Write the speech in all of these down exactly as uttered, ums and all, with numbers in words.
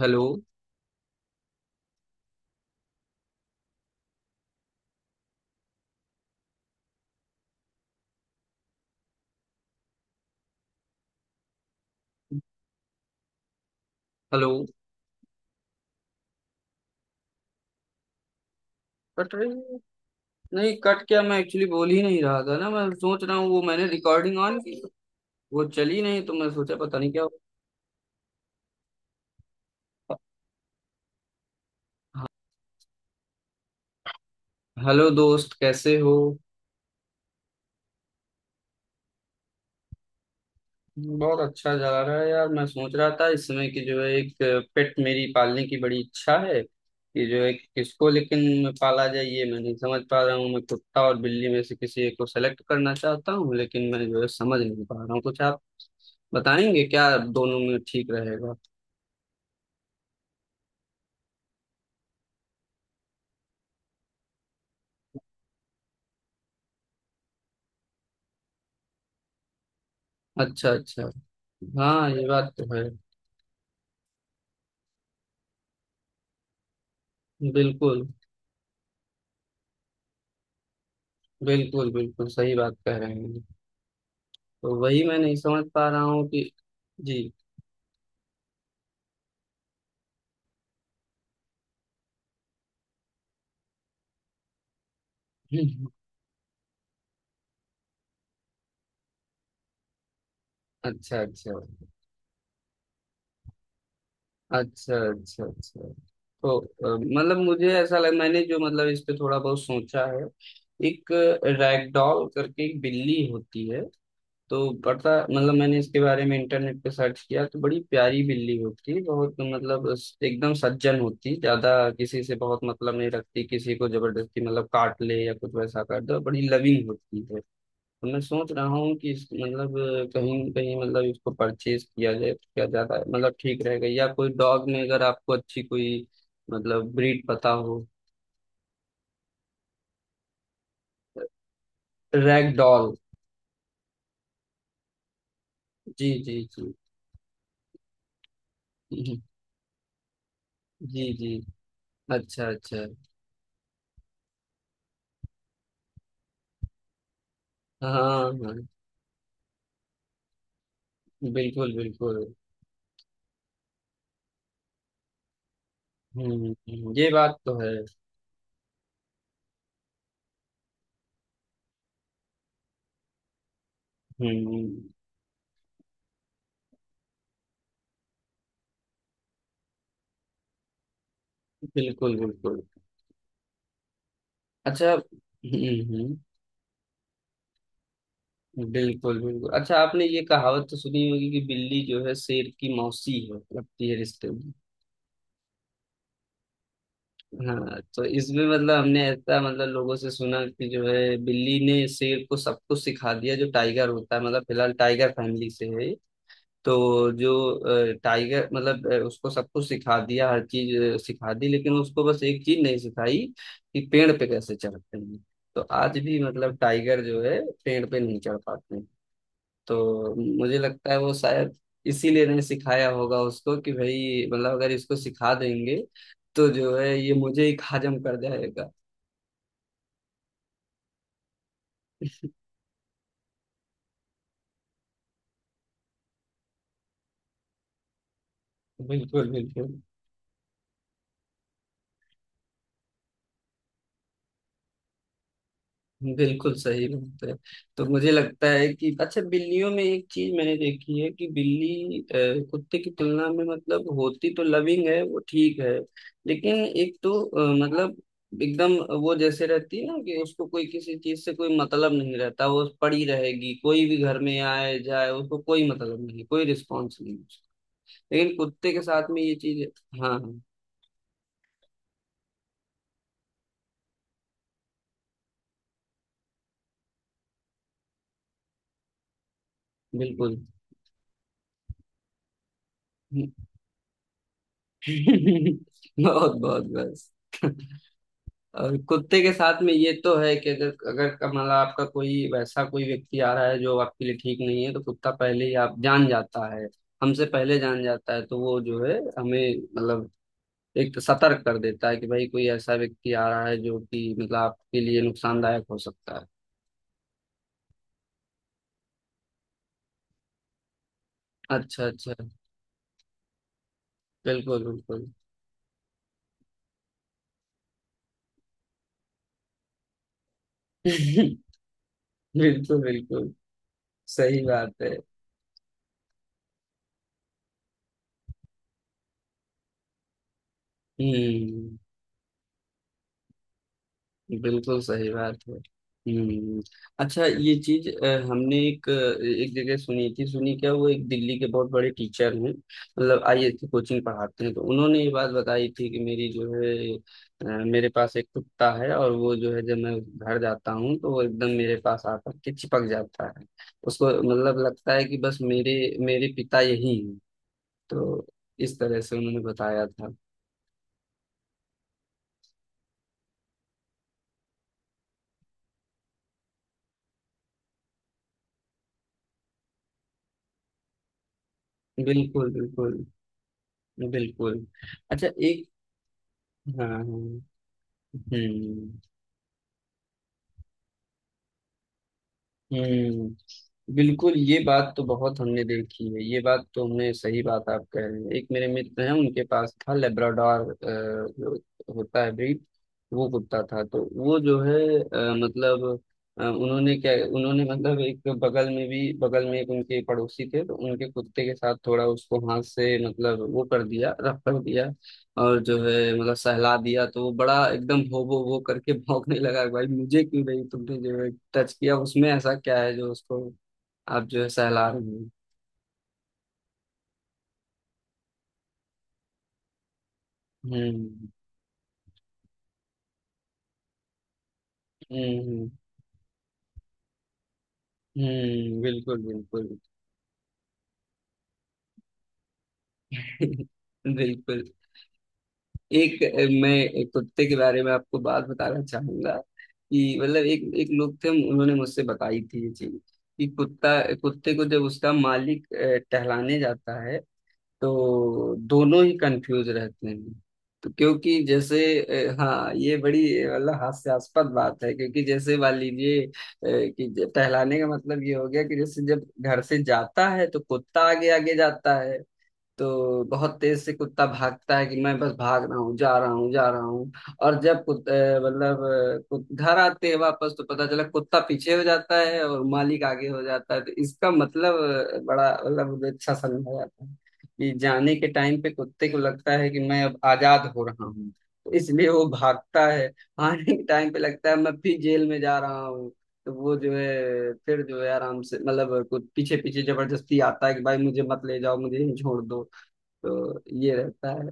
Hello. Hello. Cut रही है। नहीं कट क्या मैं एक्चुअली बोल ही नहीं रहा था ना? मैं सोच रहा हूँ वो मैंने रिकॉर्डिंग ऑन की, वो चली नहीं, तो मैं सोचा पता नहीं क्या हुआ। हाँ, हेलो दोस्त, कैसे हो? बहुत अच्छा जा रहा है यार। मैं सोच रहा था, इस समय की जो है, एक पेट मेरी पालने की बड़ी इच्छा है कि जो है, किसको लेकिन पाला जाए, ये मैं नहीं समझ पा रहा हूँ। मैं कुत्ता और बिल्ली में से किसी एक को सेलेक्ट करना चाहता हूँ, लेकिन मैं जो है समझ नहीं पा रहा हूँ। कुछ आप बताएंगे क्या, दोनों में ठीक रहेगा? अच्छा, अच्छा। हाँ, ये बात तो है। बिल्कुल, बिल्कुल, बिल्कुल सही बात कह रहे हैं। तो वही मैं नहीं समझ पा रहा हूँ कि जी। अच्छा, अच्छा, अच्छा, अच्छा, अच्छा। तो अ, मतलब मुझे ऐसा लग, मैंने जो मतलब इस पे थोड़ा बहुत सोचा है। एक रैगडॉल करके एक बिल्ली होती है, तो पता, मतलब मैंने इसके बारे में इंटरनेट पे सर्च किया तो बड़ी प्यारी बिल्ली होती है, बहुत मतलब स- एकदम सज्जन होती, ज्यादा किसी से बहुत मतलब नहीं रखती, किसी को जबरदस्ती मतलब काट ले या कुछ वैसा कर दो, बड़ी लविंग होती है। तो मैं सोच रहा हूँ कि इस- मतलब कहीं न कहीं मतलब इसको परचेज किया जाए तो क्या ज्यादा मतलब ठीक रहेगा, या कोई डॉग में अगर आपको अच्छी कोई मतलब ब्रीड पता हो। Rag doll. जी, जी, जी। जी, जी। अच्छा, अच्छा। हाँ, हाँ। बिल्कुल, बिल्कुल। हुँ, हुँ, ये बात तो है। हुँ, बिल्कुल, बिल्कुल। अच्छा। हुँ, हुँ, बिल्कुल, बिल्कुल। अच्छा, आपने ये कहावत तो सुनी होगी कि बिल्ली जो है शेर की मौसी है, लगती है रिश्ते में। हाँ, तो इसमें मतलब हमने ऐसा, मतलब लोगों से सुना कि जो है बिल्ली ने शेर को सब कुछ सिखा दिया, जो टाइगर होता है, मतलब फिलहाल टाइगर फैमिली से है ये। तो जो अ, टाइगर, मतलब अ, उसको सब कुछ सिखा दिया, हर चीज अ, सिखा दी, लेकिन उसको बस एक चीज नहीं सिखाई कि पेड़ पे कैसे चढ़ते हैं। तो आज भी मतलब टाइगर जो है पेड़ पे नहीं चढ़ पाते हैं। तो मुझे लगता है वो शायद इसीलिए नहीं सिखाया होगा उसको कि भाई मतलब अगर इसको सिखा देंगे तो जो है ये मुझे ही हजम कर जाएगा। बिल्कुल, बिल्कुल। बिल्कुल सही बात है। तो मुझे लगता है कि, अच्छा, बिल्लियों में एक चीज मैंने देखी है कि बिल्ली अ, कुत्ते की तुलना में मतलब होती तो लविंग है, वो ठीक है, लेकिन एक तो अ, मतलब एकदम वो जैसे रहती है ना कि उसको कोई किसी चीज से कोई मतलब नहीं रहता, वो पड़ी रहेगी, कोई भी घर में आए जाए उसको कोई मतलब नहीं, कोई रिस्पॉन्स नहीं। लेकिन कुत्ते के साथ में ये चीज। हाँ, हाँ। बिल्कुल। बहुत, बहुत, बस। और कुत्ते के साथ में ये तो है कि अगर अगर का- मतलब आपका कोई वैसा कोई व्यक्ति आ रहा है जो आपके लिए ठीक नहीं है, तो कुत्ता पहले ही आप जान जाता है, हमसे पहले जान जाता है। तो वो जो है हमें मतलब एक तो सतर्क कर देता है कि भाई कोई ऐसा व्यक्ति आ रहा है जो कि मतलब आपके लिए नुकसानदायक हो सकता है। अच्छा, अच्छा। बिल्कुल, बिल्कुल। बिल्कुल, बिल्कुल सही बात है। हम्म बिल्कुल सही बात है। हम्म अच्छा, ये चीज अ, हमने एक अ, एक जगह सुनी थी। सुनी क्या, वो एक दिल्ली के बहुत बड़े टीचर हैं, मतलब आईएएस की कोचिंग पढ़ाते हैं। तो उन्होंने ये बात बताई थी कि मेरी जो है अ, मेरे पास एक कुत्ता है और वो जो है जब मैं घर जाता हूँ तो वो एकदम मेरे पास आकर के चिपक जाता है। उसको मतलब लगता है कि बस मेरे मेरे पिता यही हैं। तो इस तरह से उन्होंने बताया था। बिल्कुल, बिल्कुल, बिल्कुल। अच्छा, एक। हाँ, हाँ। हम्म, हम्म, बिल्कुल, ये बात तो बहुत हमने देखी है। ये बात तो हमने, सही बात आप कह रहे हैं। एक मेरे मित्र हैं, उनके पास था लेब्राडोर, अ, जो होता है ब्रीड। वो कुत्ता था। तो वो जो है अ, मतलब अ, उन्होंने क्या, उन्होंने मतलब एक बगल में भी, बगल में एक उनके पड़ोसी थे, तो उनके कुत्ते के साथ थोड़ा, उसको हाथ से मतलब वो कर दिया, रफ कर दिया, और जो है मतलब सहला दिया, तो वो बड़ा एकदम हो, वो वो करके भौंकने लगा, भाई मुझे क्यों नहीं तुमने जो है टच किया, उसमें ऐसा क्या है जो उसको आप जो है सहला रहे हो। हम्म, हम्म। हम्म बिल्कुल, बिल्कुल। बिल्कुल। एक अ, मैं एक कुत्ते के बारे में आपको बात बताना चाहूंगा कि मतलब एक एक लोग थे, उन्होंने मुझसे बताई थी ये चीज कि कुत्ता कुत्ते को जब उसका मालिक अ, टहलाने जाता है तो दोनों ही कंफ्यूज रहते हैं। तो क्योंकि जैसे अ, हाँ, ये बड़ी अ, मतलब हास्यास्पद बात है, क्योंकि जैसे मान लीजिए अ, कि ज- टहलाने का मतलब ये हो गया कि जैसे जब घर से जाता है तो कुत्ता आगे आगे जाता है, तो बहुत तेज से कुत्ता भागता है कि मैं बस भाग रहा हूँ, जा रहा हूँ, जा रहा हूँ। और जब कुत- अ, मतलब अ, कुत- घर आते हैं वापस, तो पता चला कुत्ता पीछे हो जाता है और मालिक आगे हो जाता है। तो इसका मतलब अ, बड़ा मतलब मुझे अच्छा समझा जाता है कि जाने के टाइम पे कुत्ते को लगता है कि मैं अब आजाद हो रहा हूँ, तो इसलिए वो भागता है। आने के टाइम पे लगता है मैं फिर जेल में जा रहा हूँ, तो वो जो है फिर जो है आराम से मतलब कुछ पीछे पीछे जबरदस्ती आता है कि भाई मुझे मत ले जाओ, मुझे यहीं छोड़ दो। तो ये रहता है।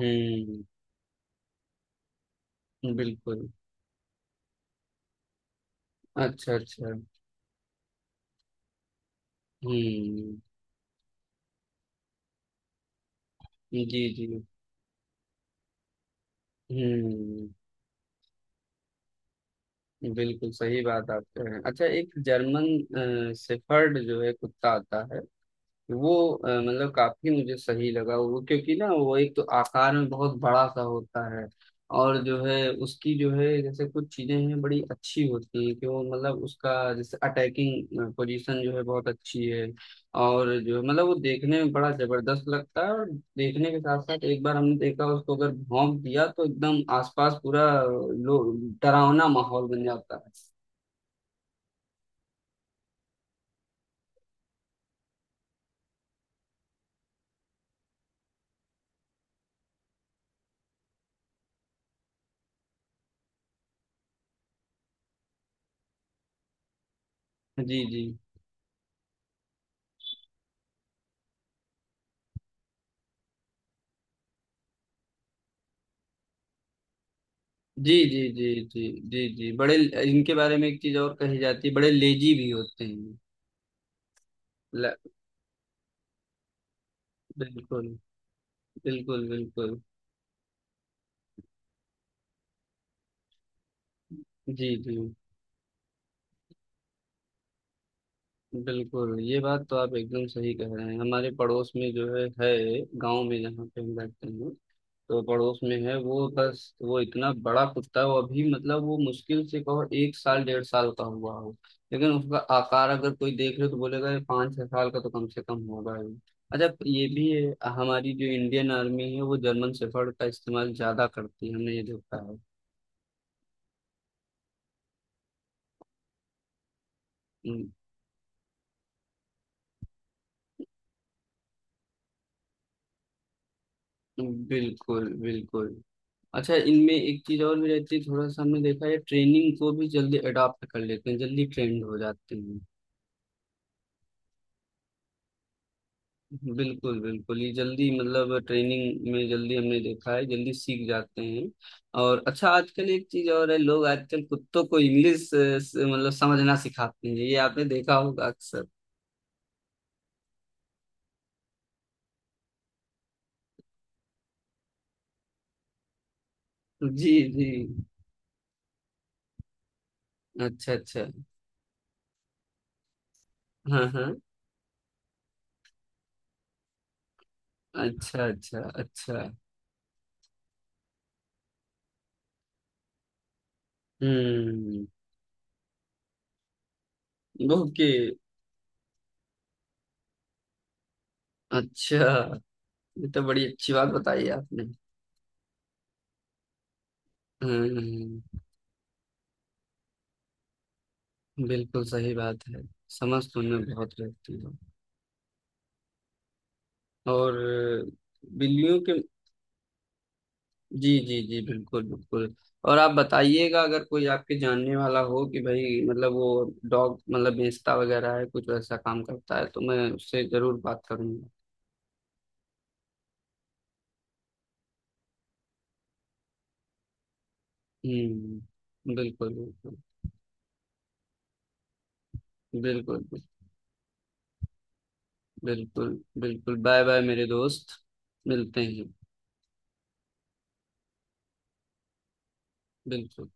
हम्म, बिल्कुल। अच्छा, अच्छा। हम्म जी, जी। हम्म बिल्कुल सही बात आप कह रहे हैं। अच्छा, एक जर्मन शेफर्ड जो है कुत्ता आता है, वो अ, मतलब काफी मुझे सही लगा वो, क्योंकि ना वो एक तो आकार में बहुत बड़ा सा होता है, और जो है उसकी जो है जैसे कुछ चीजें हैं बड़ी अच्छी होती हैं कि वो मतलब उसका जैसे अटैकिंग पोजीशन जो है बहुत अच्छी है, और जो मतलब वो देखने में बड़ा जबरदस्त लगता है, और देखने के साथ साथ एक बार हमने देखा उसको अगर भौंक दिया तो एकदम आसपास पूरा लो, डरावना माहौल बन जाता है। जी, जी, जी, जी, जी, जी, जी, जी, बड़े। इनके बारे में एक चीज और कही जाती है, बड़े लेजी भी होते हैं। ल, बिल्कुल, बिल्कुल, बिल्कुल। जी, जी। बिल्कुल, ये बात तो आप एकदम सही कह रहे हैं। हमारे पड़ोस में जो है है गांव में जहाँ पे हम रहते हैं, तो पड़ोस में है, वो बस वो इतना बड़ा कुत्ता है, वो अभी मतलब वो मुश्किल से कहो एक साल डेढ़ साल का हुआ हो, लेकिन उसका आकार अगर कोई देख ले तो बोलेगा ये पाँच छह साल का तो कम से कम होगा ही। अच्छा, ये भी है, हमारी जो इंडियन आर्मी है, वो जर्मन शेफर्ड का इस्तेमाल ज्यादा करती है, हमने ये देखा है। हम्म, हम्म, बिल्कुल, बिल्कुल। अच्छा, इनमें एक चीज और भी रहती है, थोड़ा सा हमने देखा है, ट्रेनिंग को भी जल्दी अडॉप्ट कर लेते हैं, जल्दी ट्रेंड हो जाते हैं। बिल्कुल, बिल्कुल, ये जल्दी मतलब ट्रेनिंग में जल्दी हमने देखा है, जल्दी सीख जाते हैं। और अच्छा, आजकल एक चीज और है, लोग आजकल कुत्तों को इंग्लिश मतलब समझना सिखाते हैं, ये आपने देखा होगा अक्सर। जी, जी। अच्छा, अच्छा। हाँ, हाँ। अच्छा, अच्छा, अच्छा। हम्म। ओके। अच्छा, ये तो बड़ी अच्छी बात बताई आपने। हम्म बिल्कुल सही बात है, समझ तो उन्हें बहुत रहती है। और बिल्लियों के। जी, जी, जी, बिल्कुल, बिल्कुल। और आप बताइएगा, अगर कोई आपके जानने वाला हो कि भाई मतलब वो डॉग मतलब बेचता वगैरह है, कुछ वैसा काम करता है, तो मैं उससे जरूर बात करूंगा। हम्म, बिल्कुल, बिल्कुल। बिल्कुल। बिल्कुल, बिल्कुल, बाय बाय मेरे दोस्त, मिलते हैं। बिल्कुल।